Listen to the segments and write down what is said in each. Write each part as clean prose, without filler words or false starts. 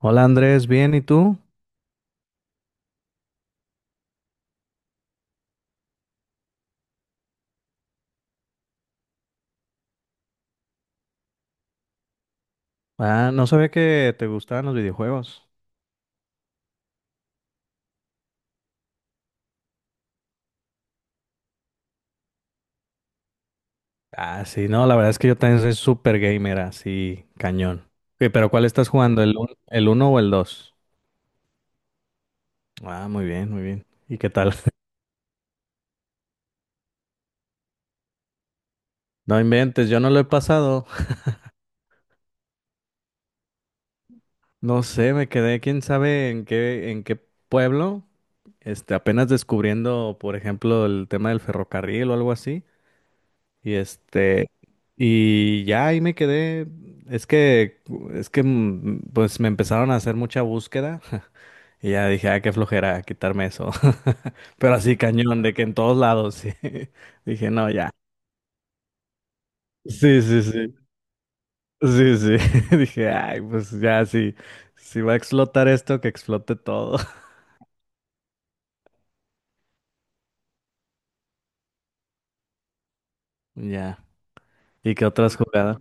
Hola Andrés, bien, ¿y tú? Ah, no sabía que te gustaban los videojuegos. Ah, sí, no, la verdad es que yo también soy súper gamer, así, cañón. Ok, pero ¿cuál estás jugando? ¿El 1 o el 2? Ah, muy bien, muy bien. ¿Y qué tal? No inventes, yo no lo he pasado. No sé, me quedé, quién sabe en qué pueblo. Apenas descubriendo, por ejemplo, el tema del ferrocarril o algo así. Y este, y ya ahí me quedé. Es que, es que, pues me empezaron a hacer mucha búsqueda. Y ya dije, ah, qué flojera quitarme eso. Pero así cañón, de que en todos lados, sí. Dije, no, ya. Sí, sí, sí. Sí, sí. Dije, ay, pues ya, sí. Si va a explotar esto, que explote todo. Ya. ¿Y qué otras jugadas?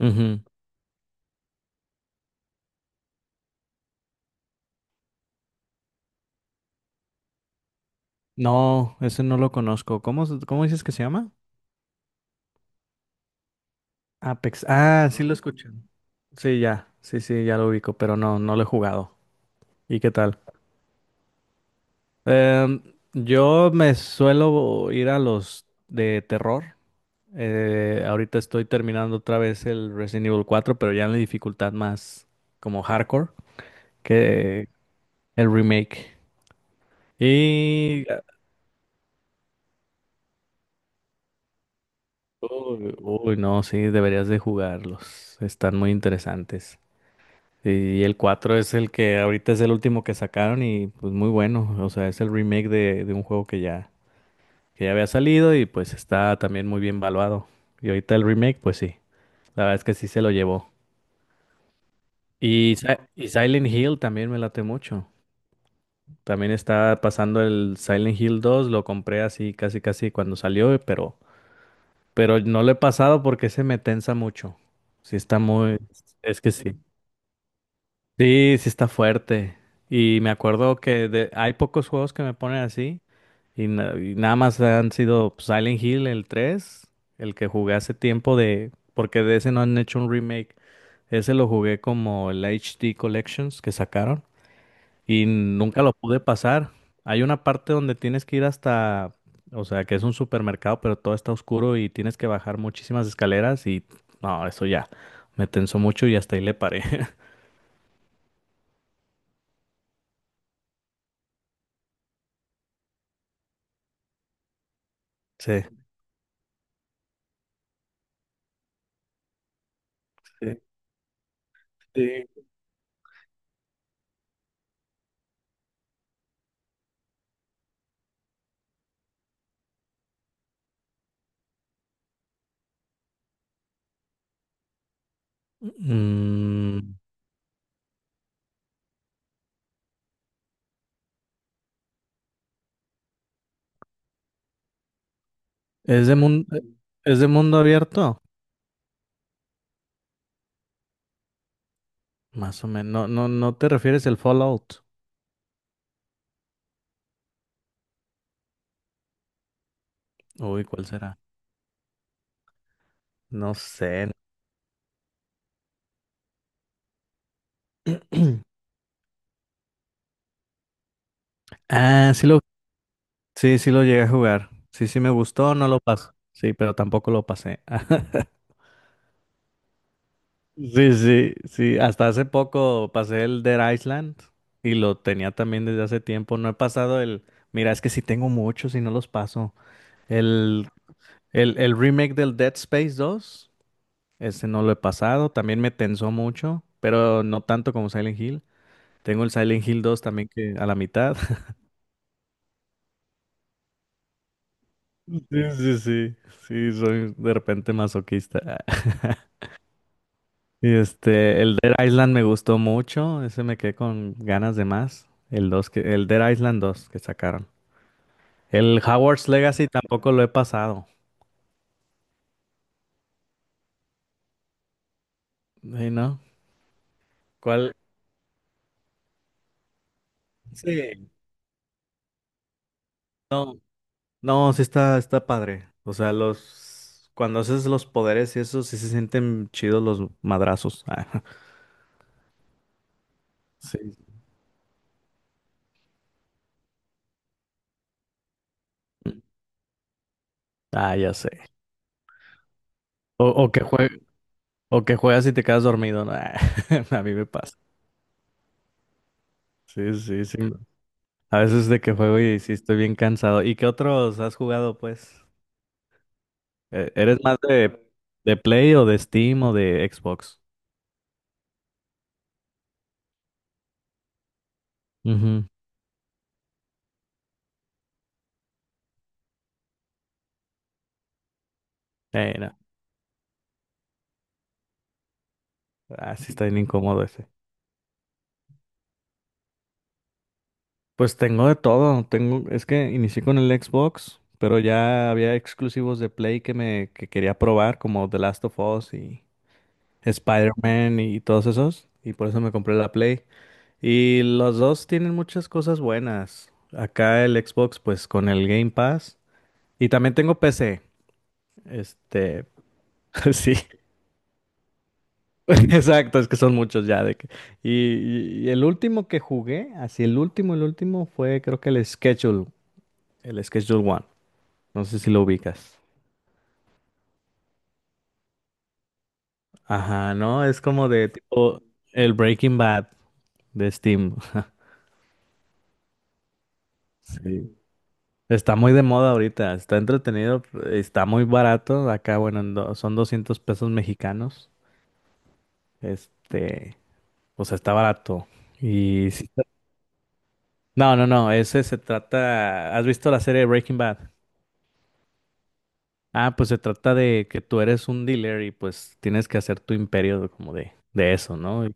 Ujú. No, ese no lo conozco. ¿Cómo dices que se llama? Apex. Ah, sí lo escuché. Sí, ya, sí, sí, ya lo ubico, pero no, no lo he jugado. ¿Y qué tal? Em, yo me suelo ir a los de terror. Ahorita estoy terminando otra vez el Resident Evil 4, pero ya en la dificultad más como hardcore que el remake. Y, uy, uy, no, sí, deberías de jugarlos. Están muy interesantes. Y el 4 es el que ahorita es el último que sacaron y pues muy bueno. O sea, es el remake de un juego que ya había salido y pues está también muy bien valuado. Y ahorita el remake, pues sí, la verdad es que sí se lo llevó. Y, Si- y Silent Hill también me late mucho. También está pasando el Silent Hill 2, lo compré así casi casi cuando salió, pero no lo he pasado porque se me tensa mucho. Sí está muy... Es que sí. Sí, sí está fuerte. Y me acuerdo que hay pocos juegos que me ponen así. Y nada más han sido pues, Silent Hill, el 3 el que jugué hace tiempo de... Porque de ese no han hecho un remake. Ese lo jugué como el HD Collections que sacaron y nunca lo pude pasar. Hay una parte donde tienes que ir hasta, o sea, que es un supermercado, pero todo está oscuro y tienes que bajar muchísimas escaleras y no, eso ya me tensó mucho y hasta ahí le paré. Sí. Sí. Mm, ¿es de mun- es de mundo abierto? Más o menos. No, no, no te refieres al Fallout. Uy, ¿cuál será? No sé. Ah, sí lo llegué a jugar. Sí, sí me gustó, no lo pasé. Sí, pero tampoco lo pasé. Sí, sí, sí. Hasta hace poco pasé el Dead Island y lo tenía también desde hace tiempo. No he pasado el. Mira, es que sí tengo muchos y no los paso. El, el remake del Dead Space 2. Ese no lo he pasado. También me tensó mucho, pero no tanto como Silent Hill. Tengo el Silent Hill 2 también que a la mitad. Sí, sí, sí. Sí, soy de repente masoquista. Y el Dead Island me gustó mucho. Ese me quedé con ganas de más. El Dead Island 2 que sacaron. El Howard's Legacy tampoco lo he pasado. Sí, ¿no? ¿Cuál? Sí. No, no, sí está padre. O sea, los cuando haces los poderes y eso, sí se sienten chidos los madrazos. Ah, sí. Ah, ya sé. O, o que jue- O que juegas y te quedas dormido, ¿no? A mí me pasa. Sí, sí, sí. A veces de que juego y sí estoy bien cansado. ¿Y qué otros has jugado, pues? ¿Eres más de Play o de Steam o de Xbox? Ujú. No. Ah, sí está bien incómodo ese. Pues tengo de todo. Tengo, es que inicié con el Xbox, pero ya había exclusivos de Play que quería probar, como The Last of Us y Spider-Man y todos esos. Y por eso me compré la Play. Y los dos tienen muchas cosas buenas. Acá el Xbox, pues con el Game Pass. Y también tengo PC. Este, sí. Exacto, es que son muchos ya de que. Y el último que jugué, así el último fue creo que el Schedule One. No sé si lo ubicas. Ajá, no, es como de tipo el Breaking Bad de Steam. Sí. Está muy de moda ahorita, está entretenido, está muy barato. Acá, bueno, son 200 pesos mexicanos. Este, o sea, está barato. Y sí está- no, no, no, ese se trata. ¿Has visto la serie Breaking Bad? Ah, pues se trata de que tú eres un dealer y pues tienes que hacer tu imperio como de eso, ¿no?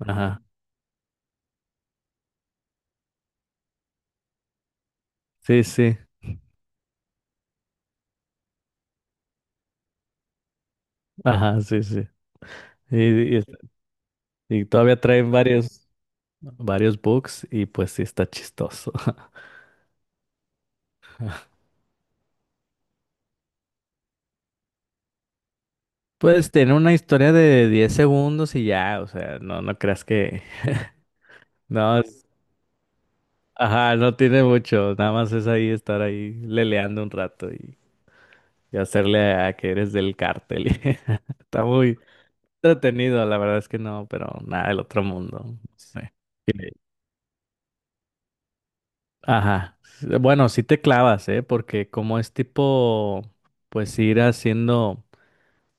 Ajá, sí, sí, ajá, sí, sí. Y, y- y todavía traen varios, varios books y pues sí está chistoso. Pues tener una historia de 10 segundos y ya, o sea, no, no creas que... No, ajá, no tiene mucho, nada más es ahí estar ahí leleando un rato y hacerle a que eres del cártel. Está muy entretenido, la verdad es que no, pero nada del otro mundo. Sí. Eh, Ajá. Bueno, sí te clavas, ¿eh? Porque como es tipo, pues ir haciendo...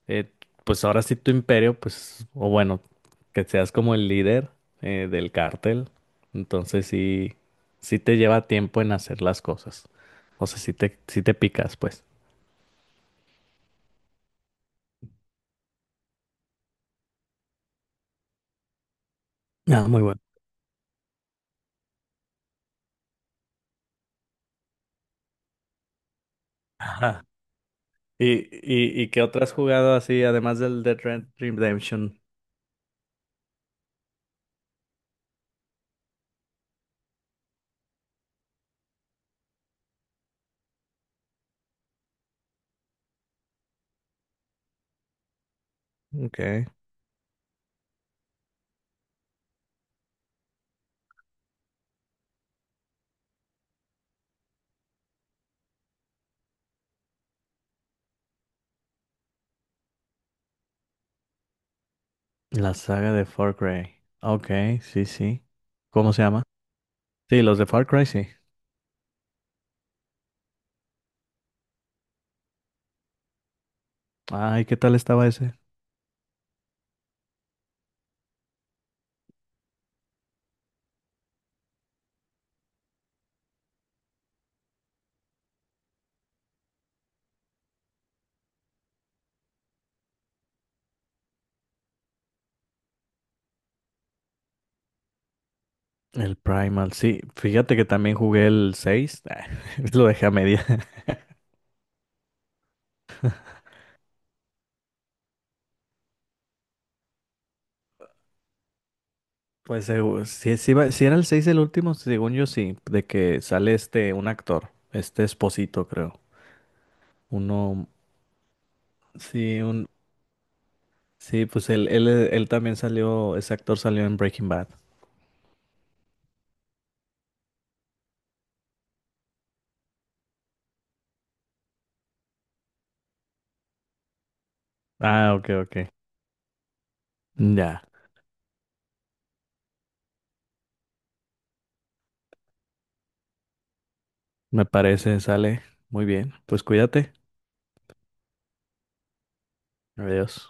eh, pues ahora sí tu imperio, pues, o bueno, que seas como el líder del cártel, entonces sí te lleva tiempo en hacer las cosas. O sea, sí te picas, pues. Ah, muy bueno. Ajá. ¿Y qué otras has jugado así, además del Dead Red Redemption? Okay. La saga de Far Cry. Ok, sí, sí. ¿Cómo se llama? Sí, los de Far Cry, sí. Ay, ¿qué tal estaba ese? El Primal, sí. Fíjate que también jugué el 6, lo dejé a media. Pues si era el 6 el último, según yo sí, de que sale un actor, este Esposito creo. Uno, sí, un, sí, pues él también salió, ese actor salió en Breaking Bad. Ah, ok, ok. Ya, me parece, sale. Muy bien, pues cuídate. Adiós.